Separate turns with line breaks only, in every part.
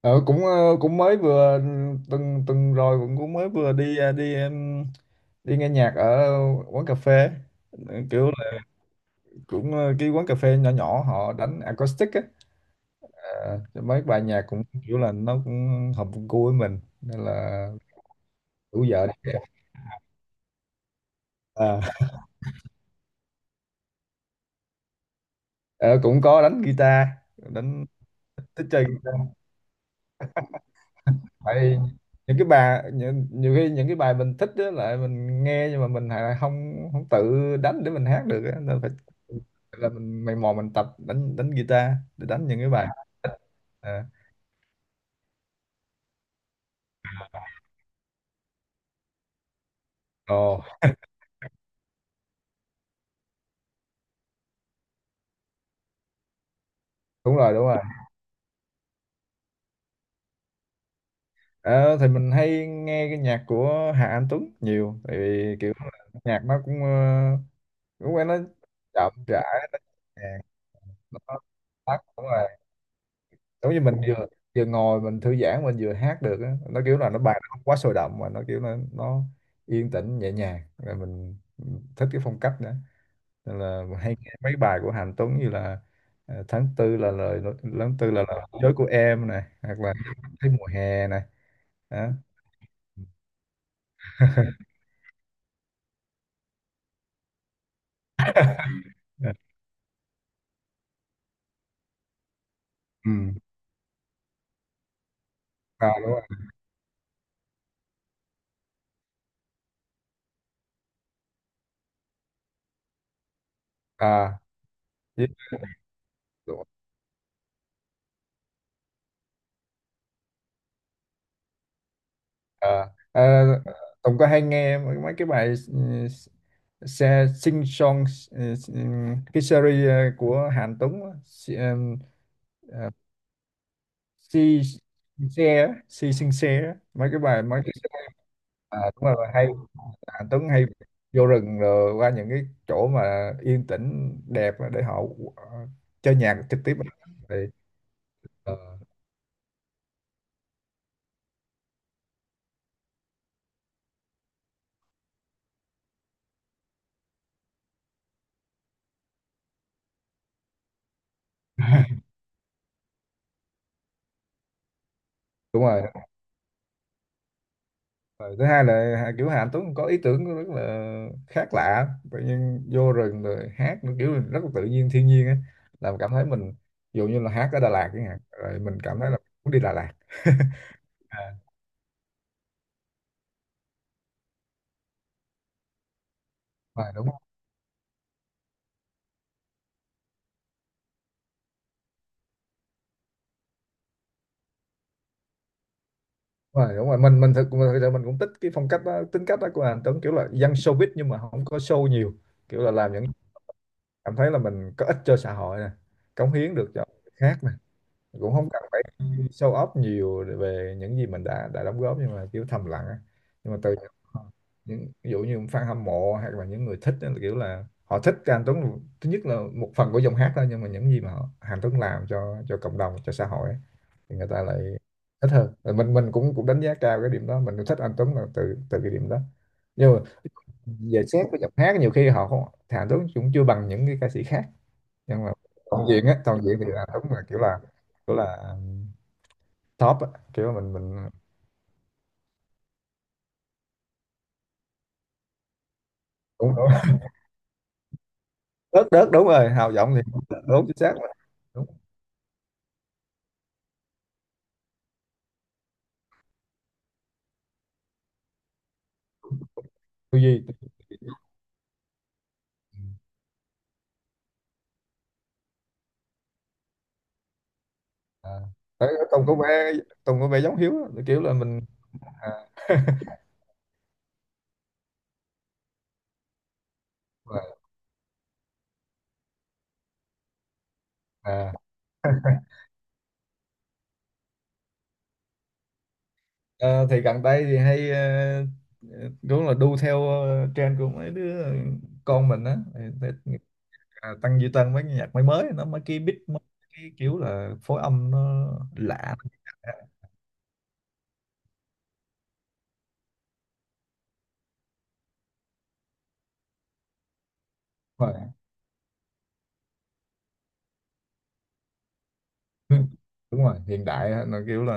Cũng mới vừa tuần tuần rồi cũng cũng mới vừa đi ờ, đi em, đi nghe nhạc ở quán cà phê. Kiểu là cái quán cà phê nhỏ nhỏ họ đánh acoustic á. Thì mấy bài nhạc cũng kiểu là nó cũng hợp gu với mình nên là rủ vợ đi. Ờ, ờ, Cũng có đánh guitar, đánh, thích chơi, tại những cái bài nhiều khi những cái bài mình thích á lại mình nghe nhưng mà mình lại không không tự đánh để mình hát được á, nên phải là mình mày mò mình tập đánh đánh guitar để đánh những cái bài à. Ồ, đúng rồi, đúng rồi. Ờ, thì mình hay nghe cái nhạc của Hà Anh Tuấn nhiều, tại vì kiểu nhạc nó cũng quen, nó chậm rãi nè, nó giống như mình vừa vừa ngồi mình thư giãn mình vừa hát được á, nó kiểu là nó bài nó không quá sôi động mà nó kiểu nó yên tĩnh nhẹ nhàng, rồi mình thích cái phong cách nữa, nên là mình hay nghe mấy bài của Hạnh Tuấn như là tháng tư là tháng tư là lời nói dối của em này, hoặc là thấy mùa hè này đó. Ừ, à, đúng rồi, à, với. Ờ, ờ, Tùng có hay nghe mấy mấy cái bài xe sing song, ừ, ừ, cái series của Hàn Tuấn á, ờ, si Sing xe á, si sing xe á. Mấy cái bài, mấy cái, à, đúng rồi, hay Hàn Tuấn hay vô rừng rồi qua những cái chỗ mà yên tĩnh đẹp á để họ ờ, chơi nhạc trực tiếp. Thì, ờ, đúng rồi. Rồi thứ hai là kiểu Hà Anh Tuấn có ý tưởng rất là khác lạ, tự nhiên vô rừng rồi hát, nó kiểu rất là tự nhiên, thiên nhiên á, làm cảm thấy mình, ví dụ như là hát ở Đà Lạt chẳng hạn, rồi mình cảm thấy là muốn đi Đà Lạt à, rồi, đúng rồi, đúng rồi, thực sự mình cũng thích cái phong cách đó, tính cách đó của Hà Anh Tuấn, kiểu là dân showbiz nhưng mà không có show nhiều, kiểu là làm những cảm thấy là mình có ích cho xã hội nè, cống hiến được cho người khác, cũng không cần phải show off nhiều về những gì mình đã đóng góp nhưng mà kiểu thầm lặng á, nhưng mà từ những ví dụ như fan hâm mộ hoặc là những người thích á, kiểu là họ thích cái anh Tuấn, thứ nhất là một phần của giọng hát thôi, nhưng mà những gì mà họ, Anh Tuấn làm cho cộng đồng, cho xã hội á, thì người ta lại thích hơn. Rồi mình cũng cũng đánh giá cao cái điểm đó, mình cũng thích anh Tuấn là từ từ cái điểm đó, nhưng mà về xét cái giọng hát nhiều khi họ không, thì Tuấn cũng chưa bằng những cái ca sĩ khác, nhưng mà toàn diện á, toàn diện thì là đúng, là kiểu là kiểu là top á, kiểu là mình đúng, đúng, đớt đớt đúng rồi, hào giọng thì đúng, chính xác là đúng, tư duy, à, đấy, không có vẻ giống Hiếu á, kiểu là mình à, mà- à. Ờ, thì gần đây thì hay đúng là đu theo trend của mấy đứa con mình á. Tăng Duy Tân mấy cái nhạc mới mới nó, mấy cái beat mới, cái kiểu là phối âm nó lạ. Ừ, đúng rồi, hiện đại á, nó kiểu là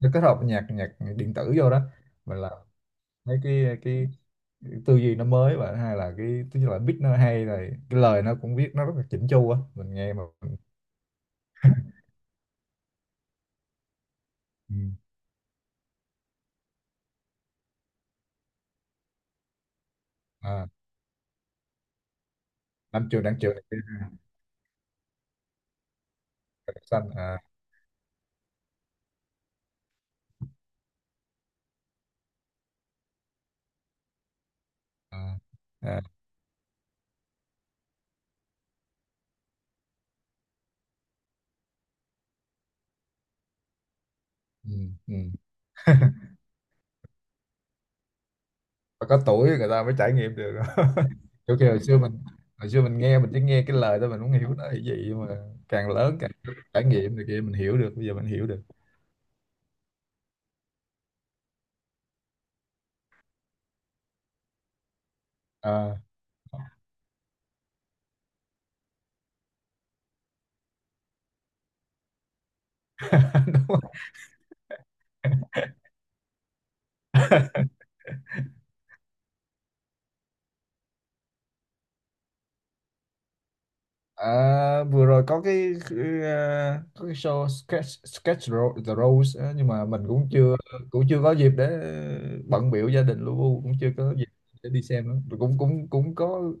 nó kết hợp nhạc nhạc điện tử vô đó, mình làm mấy cái tư duy nó mới, và hay là cái tức là beat nó hay, rồi cái lời nó cũng viết nó rất là chỉnh chu á, mình nghe mà mình, ừ, à, năm trường đang trường này kia, trời xanh à, à, à, ừ, ừ. Và có tuổi người ta mới trải nghiệm được đó. Kiểu kia hồi xưa mình, hồi xưa mình nghe mình chỉ nghe cái lời thôi, mình không hiểu nó là gì, nhưng mà càng lớn càng trải nghiệm thì kia mình hiểu được, bây giờ mình hiểu được à. À, vừa rồi có cái có cái show sketch sketch the Rose á, nhưng mà mình cũng chưa có dịp để bận biểu gia đình lu bu, cũng chưa có dịp để đi xem á. Rồi cũng cũng cũng có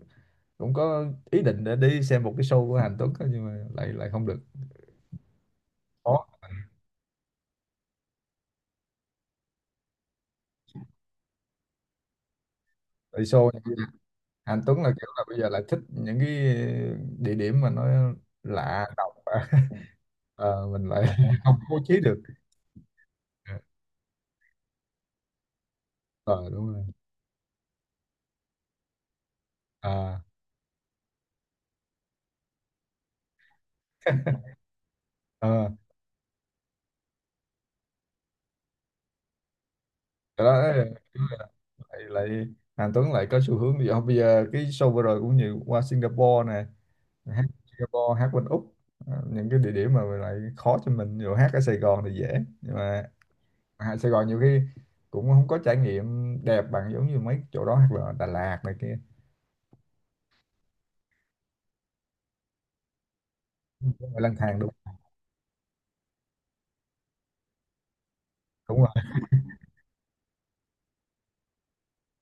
cũng có ý định để đi xem một cái show của Hàn Tuấn á, nhưng mà lại lại không được có. Tại show này, Hàn Tuấn là kiểu là bây giờ lại thích những cái địa điểm mà nó lạ độc. Ờ, mình lại không bố trí được, ờ đúng rồi, à, à, đó, lại lại Hà Tuấn lại có xu hướng đi học bây giờ, cái show vừa rồi cũng nhiều, qua Singapore nè, hát Singapore, hát bên Úc. Ờ, những cái địa điểm mà lại khó cho mình, rồi hát ở Sài Gòn thì dễ, nhưng mà hát Sài Gòn nhiều khi cũng không có trải nghiệm đẹp bằng, giống như mấy chỗ đó hoặc là Đà Lạt này kia. Cũng là lang thang đúng, đúng rồi,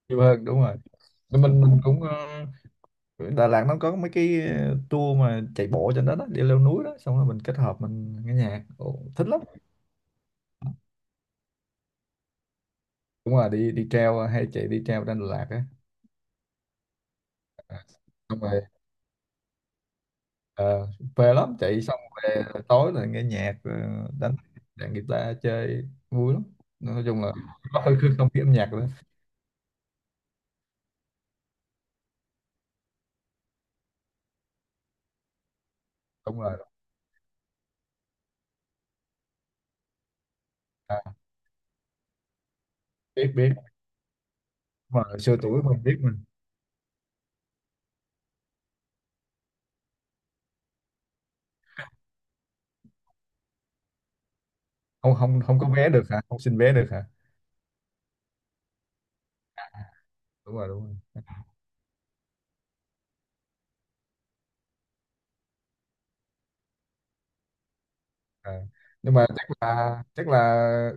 nhiều hơn, đúng rồi, mình Đà Lạt nó có mấy cái tour mà chạy bộ trên đó đó, đi leo núi đó, xong rồi mình kết hợp mình nghe nhạc. Ồ, thích lắm, đúng rồi, đi đi treo hay chạy, đi treo trên Đà Lạt á. Ờ, Xong rồi ờ, phê lắm, chạy xong về tối là nghe nhạc, đánh đàn guitar chơi vui lắm, nói chung là có không khí âm nhạc nữa, đúng rồi, à, biết biết, mà xưa tuổi mình biết mình, không không không có vé được hả, không xin vé được hả, đúng rồi, đúng rồi, à. Nhưng mà chắc là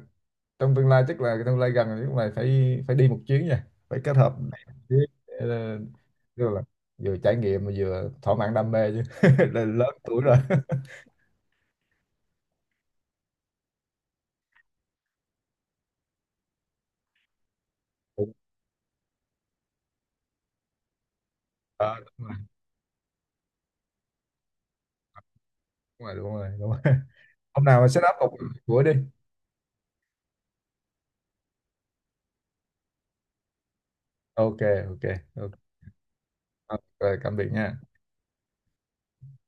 trong tương lai, chắc là tương lai gần nhưng mày phải phải đi một chuyến nha, phải kết hợp đi một chuyến để, tức là vừa trải nghiệm mà vừa thỏa mãn đam mê chứ. Là lớn tuổi rồi. Đúng. Ờ, đúng rồi đúng rồi. Hôm nào mà set up cục cuối đi, ok, ok, ok, ok. Cảm biệt nha.